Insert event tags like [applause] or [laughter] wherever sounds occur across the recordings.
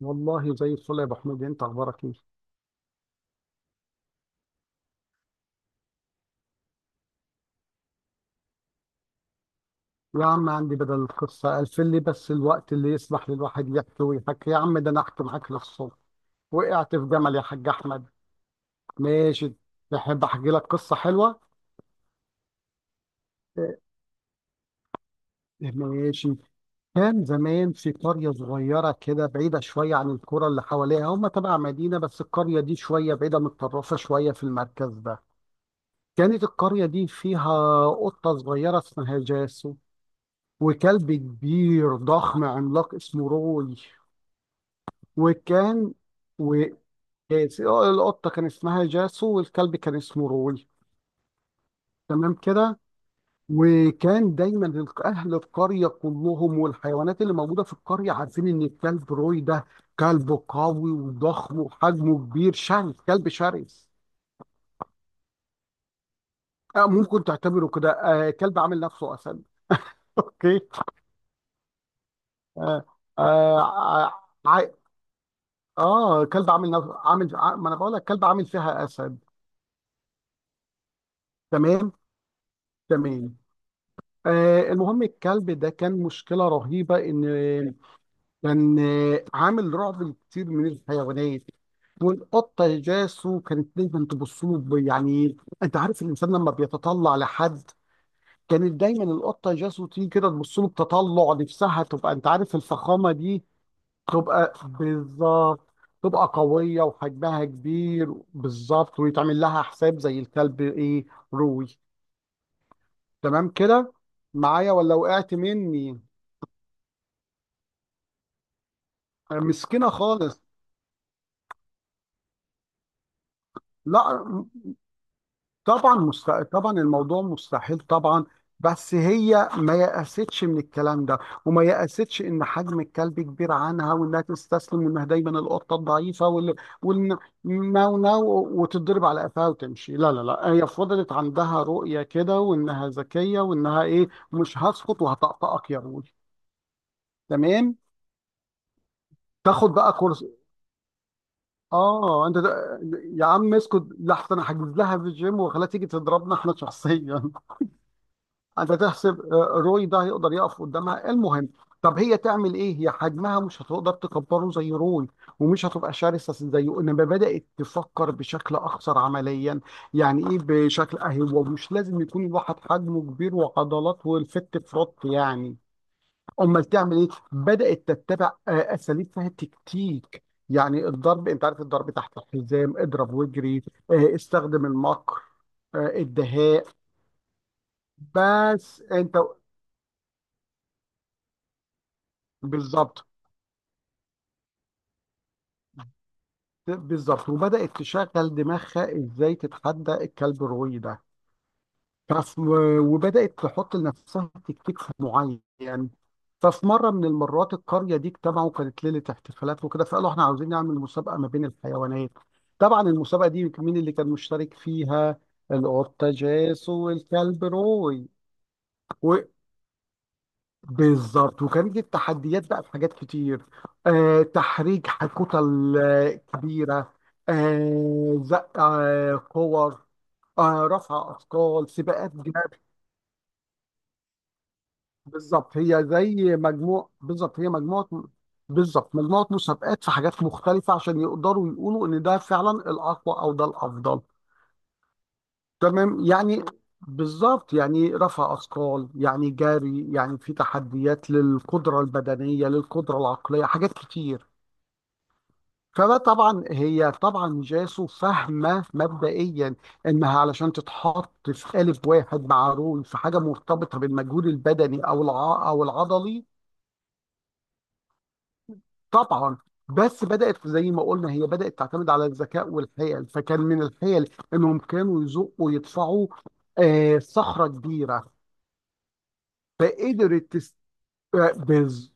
والله زي الفل يا ابو حميد، انت اخبارك ايه؟ يا عم عندي بدل القصه الفل، لي بس الوقت اللي يسمح للواحد يحكي ويحكي. يا عم ده انا احكي معاك للصبح. وقعت في جمل يا حاج احمد. ماشي. تحب احكي لك قصه حلوه؟ ماشي. كان زمان في قريه صغيره كده بعيده شويه عن القرى اللي حواليها، هم تبع مدينه بس القريه دي شويه بعيده متطرفه شويه في المركز ده. كانت القريه دي فيها قطه صغيره اسمها جاسو، وكلب كبير ضخم عملاق اسمه روي. وكان و آه، القطة كان اسمها جاسو والكلب كان اسمه روي. تمام كده. وكان دايما أهل القرية كلهم والحيوانات اللي موجودة في القرية عارفين إن الكلب روي ده كلب قوي وضخم وحجمه كبير، شرس، كلب شرس. آه ممكن تعتبره كده، آه كلب عامل نفسه أسد. [laughs] أوكي. آه. آه ع- اه كلب عامل نف... عامل ع- ما انا بقول لك كلب عامل فيها اسد. تمام. تمام. آه المهم الكلب ده كان مشكله رهيبه، ان كان عامل رعب لكتير من الحيوانات. والقطه جاسو كانت دايما تبص له، يعني انت عارف الانسان لما بيتطلع لحد، كانت دايما القطه جاسو تيجي كده تبص له، بتطلع نفسها تبقى، انت عارف الفخامه دي. تبقى بالظبط. تبقى قوية وحجمها كبير بالظبط، ويتعمل لها حساب زي الكلب ايه، روي. تمام كده. معايا ولا وقعت مني؟ مسكينة خالص. لا طبعا الموضوع مستحيل طبعا. بس هي ما يأستش من الكلام ده، وما يأستش ان حجم الكلب كبير عنها، وانها تستسلم، وانها دايما القطه الضعيفه وال وال ناو ناو، وتتضرب على قفاها وتمشي. لا لا لا، هي فضلت عندها رؤيه كده، وانها ذكيه، وانها ايه، مش هسقط وهطقطقك يا رول. تمام. تاخد بقى كورس. اه انت، يا عم اسكت لحظه، انا حاجز لها في الجيم وخليها تيجي تضربنا احنا شخصيا. انت تحسب روي ده هيقدر يقف قدامها. المهم، طب هي تعمل ايه؟ هي حجمها مش هتقدر تكبره زي روي، ومش هتبقى شرسه زيه، انما بدات تفكر بشكل اكثر عمليا. يعني ايه بشكل؟ اهي هو مش لازم يكون الواحد حجمه كبير وعضلات والفت فروت يعني. امال تعمل ايه؟ بدات تتبع اساليب فيها تكتيك. يعني الضرب، انت عارف، الضرب تحت الحزام، اضرب واجري. استخدم المكر، الدهاء. بس انت. بالظبط. بالظبط، وبدأت تشغل دماغها ازاي تتحدى الكلب الروي ده. فف وبدأت تحط لنفسها تكتيك معين. ففي مرة من المرات، القرية دي اجتمعوا، كانت ليلة احتفالات وكده، فقالوا احنا عاوزين نعمل مسابقة ما بين الحيوانات. طبعا المسابقة دي مين اللي كان مشترك فيها؟ القطة جاس والكلب روي. بالظبط، وكان دي التحديات بقى في حاجات كتير. آه تحريج، كتل كبيرة، آه زق، آه كور، آه رفع أثقال، سباقات جري. بالظبط هي مجموعة. بالظبط مجموعة مسابقات في حاجات مختلفة، عشان يقدروا يقولوا إن ده فعلا الأقوى أو ده الأفضل. تمام يعني. بالظبط يعني، رفع أثقال يعني، جري يعني، في تحديات للقدرة البدنية للقدرة العقلية، حاجات كتير. فطبعا هي، طبعا جاسو فاهمه مبدئيا انها علشان تتحط في قالب واحد مع رول في حاجه مرتبطه بالمجهود البدني او العضلي طبعا. بس بدات زي ما قلنا، هي بدات تعتمد على الذكاء والحيل. فكان من الحيل انهم كانوا يزقوا ويدفعوا آه صخره كبيره. فقدرت بز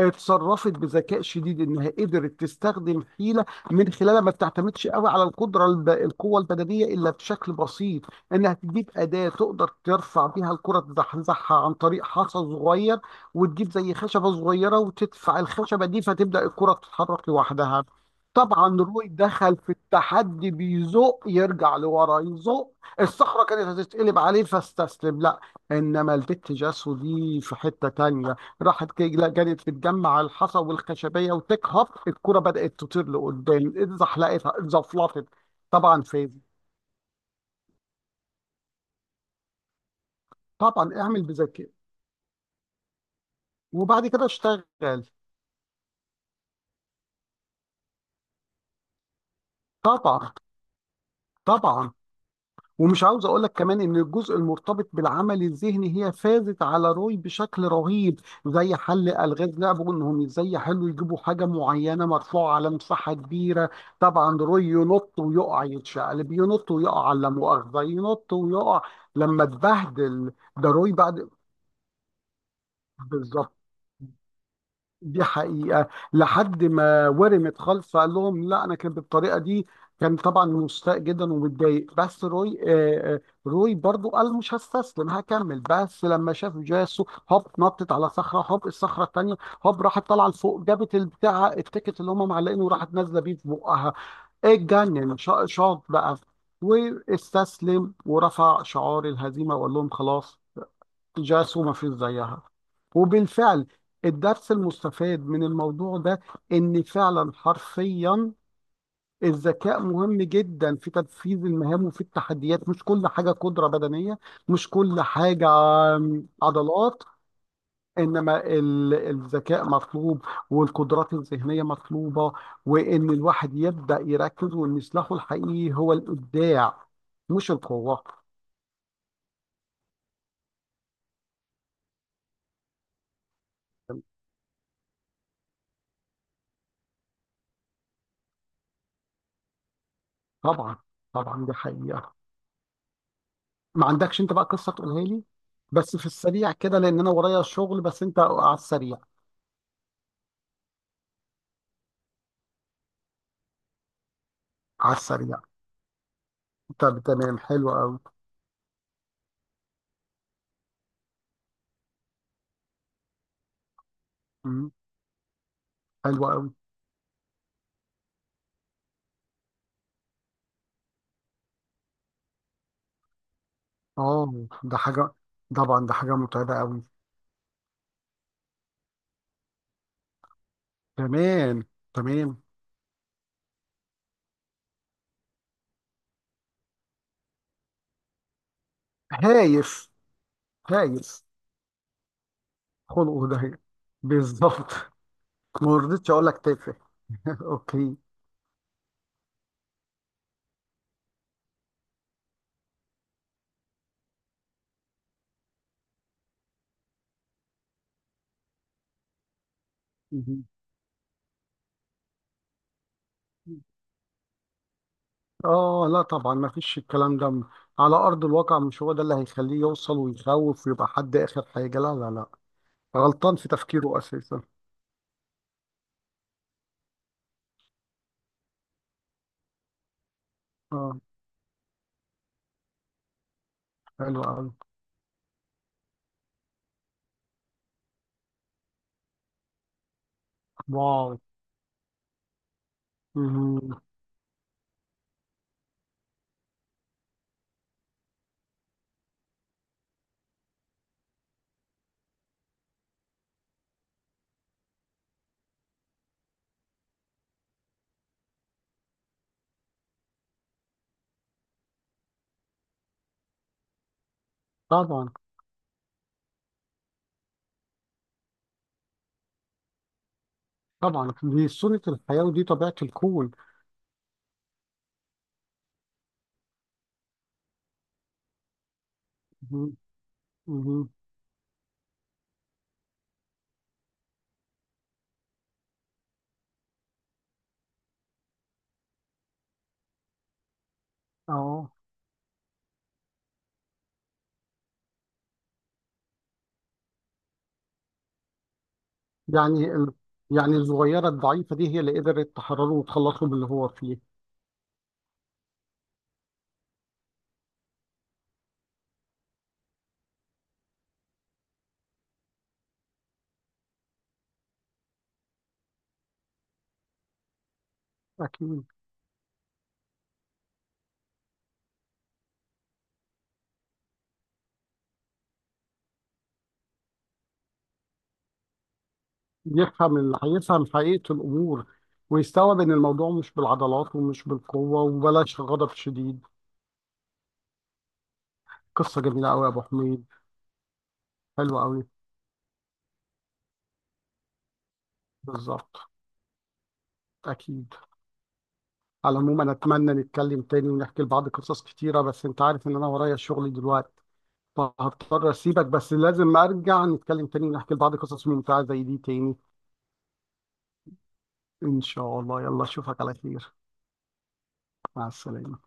اتصرفت بذكاء شديد، انها قدرت تستخدم حيله من خلالها ما بتعتمدش قوي على القوه البدنيه الا بشكل بسيط. انها تجيب اداه تقدر ترفع بيها الكره تزحزحها، عن طريق حصى صغير وتجيب زي خشبه صغيره وتدفع الخشبه دي، فتبدا الكره تتحرك لوحدها. طبعا روي دخل في التحدي بيزق، يرجع لورا يزق، الصخره كانت هتتقلب عليه فاستسلم. لا، انما البت جاسو دي في حته تانية، لا جريت بتجمع الحصى والخشبيه وتكهف الكره، بدات تطير لقدام، اتزحلقت، اتزفلطت. طبعا فين. طبعا اعمل بذكاء، وبعد كده اشتغل. طبعا. طبعا، ومش عاوز اقول لك كمان ان الجزء المرتبط بالعمل الذهني هي فازت على روي بشكل رهيب. زي حل الغاز، لعبوا انهم ازاي يحلوا، يجيبوا حاجه معينه مرفوعه على مساحه كبيره. طبعا روي ينط ويقع، يتشقلب، ينط ويقع، على مؤاخذه ينط ويقع، لما اتبهدل ده روي. بعد، بالظبط، دي حقيقة، لحد ما ورمت خالص، فقال لهم لا أنا كان بالطريقة دي. كان طبعا مستاء جدا ومتضايق بس روي، روي برضو قال مش هستسلم، هكمل. بس لما شاف جاسو هوب نطت على صخرة، هوب الصخرة التانية، هوب راحت طالعة لفوق، جابت البتاع التيكت اللي هم معلقينه، وراحت نازلة بيه في بقها، اتجنن، شاط بقى واستسلم ورفع شعار الهزيمة، وقال لهم خلاص، جاس وما فيش زيها. وبالفعل الدرس المستفاد من الموضوع ده، ان فعلا حرفيا الذكاء مهم جدا في تنفيذ المهام وفي التحديات، مش كل حاجة قدرة بدنية، مش كل حاجة عضلات، انما الذكاء مطلوب، والقدرات الذهنية مطلوبة، وان الواحد يبدأ يركز، وان سلاحه الحقيقي هو الإبداع مش القوة. طبعا. طبعا دي حقيقة. ما عندكش انت بقى قصه تقولها لي؟ بس في السريع كده لان انا ورايا شغل، بس انت على السريع. على السريع. طب تمام، حلو قوي. مم، حلو قوي. اه ده حاجه، طبعا ده حاجه متعبه قوي. تمام. تمام. هايف. هايف. خلقه ده. بالظبط. ما رضيتش اقول لك تافه. [laughs] اوكي. مهم. اه لا طبعا ما فيش الكلام ده، على ارض الواقع مش هو ده اللي هيخليه يوصل ويخوف ويبقى حد، اخر حاجه لا لا لا، غلطان في تفكيره اساسا. اه. حلو قوي. واو. مهم. طبعا. طبعا دي سنة الحياة ودي طبيعة الكون. مهم. مهم. اه، يعني ال... يعني الصغيرة الضعيفة دي هي اللي قدرت تحرره وتخلصه من اللي هو فيه. اكيد. هيفهم حقيقة الامور، ويستوعب ان الموضوع مش بالعضلات ومش بالقوة وبلاش غضب شديد. قصة جميلة قوي يا ابو حميد. حلو قوي. بالظبط. اكيد. على العموم انا اتمنى نتكلم تاني ونحكي لبعض قصص كتيره، بس انت عارف ان انا ورايا شغل دلوقتي، فهضطر اسيبك، بس لازم ارجع نتكلم تاني ونحكي لبعض قصص ممتعه زي دي تاني. ان شاء الله، يلا اشوفك على خير. مع السلامه.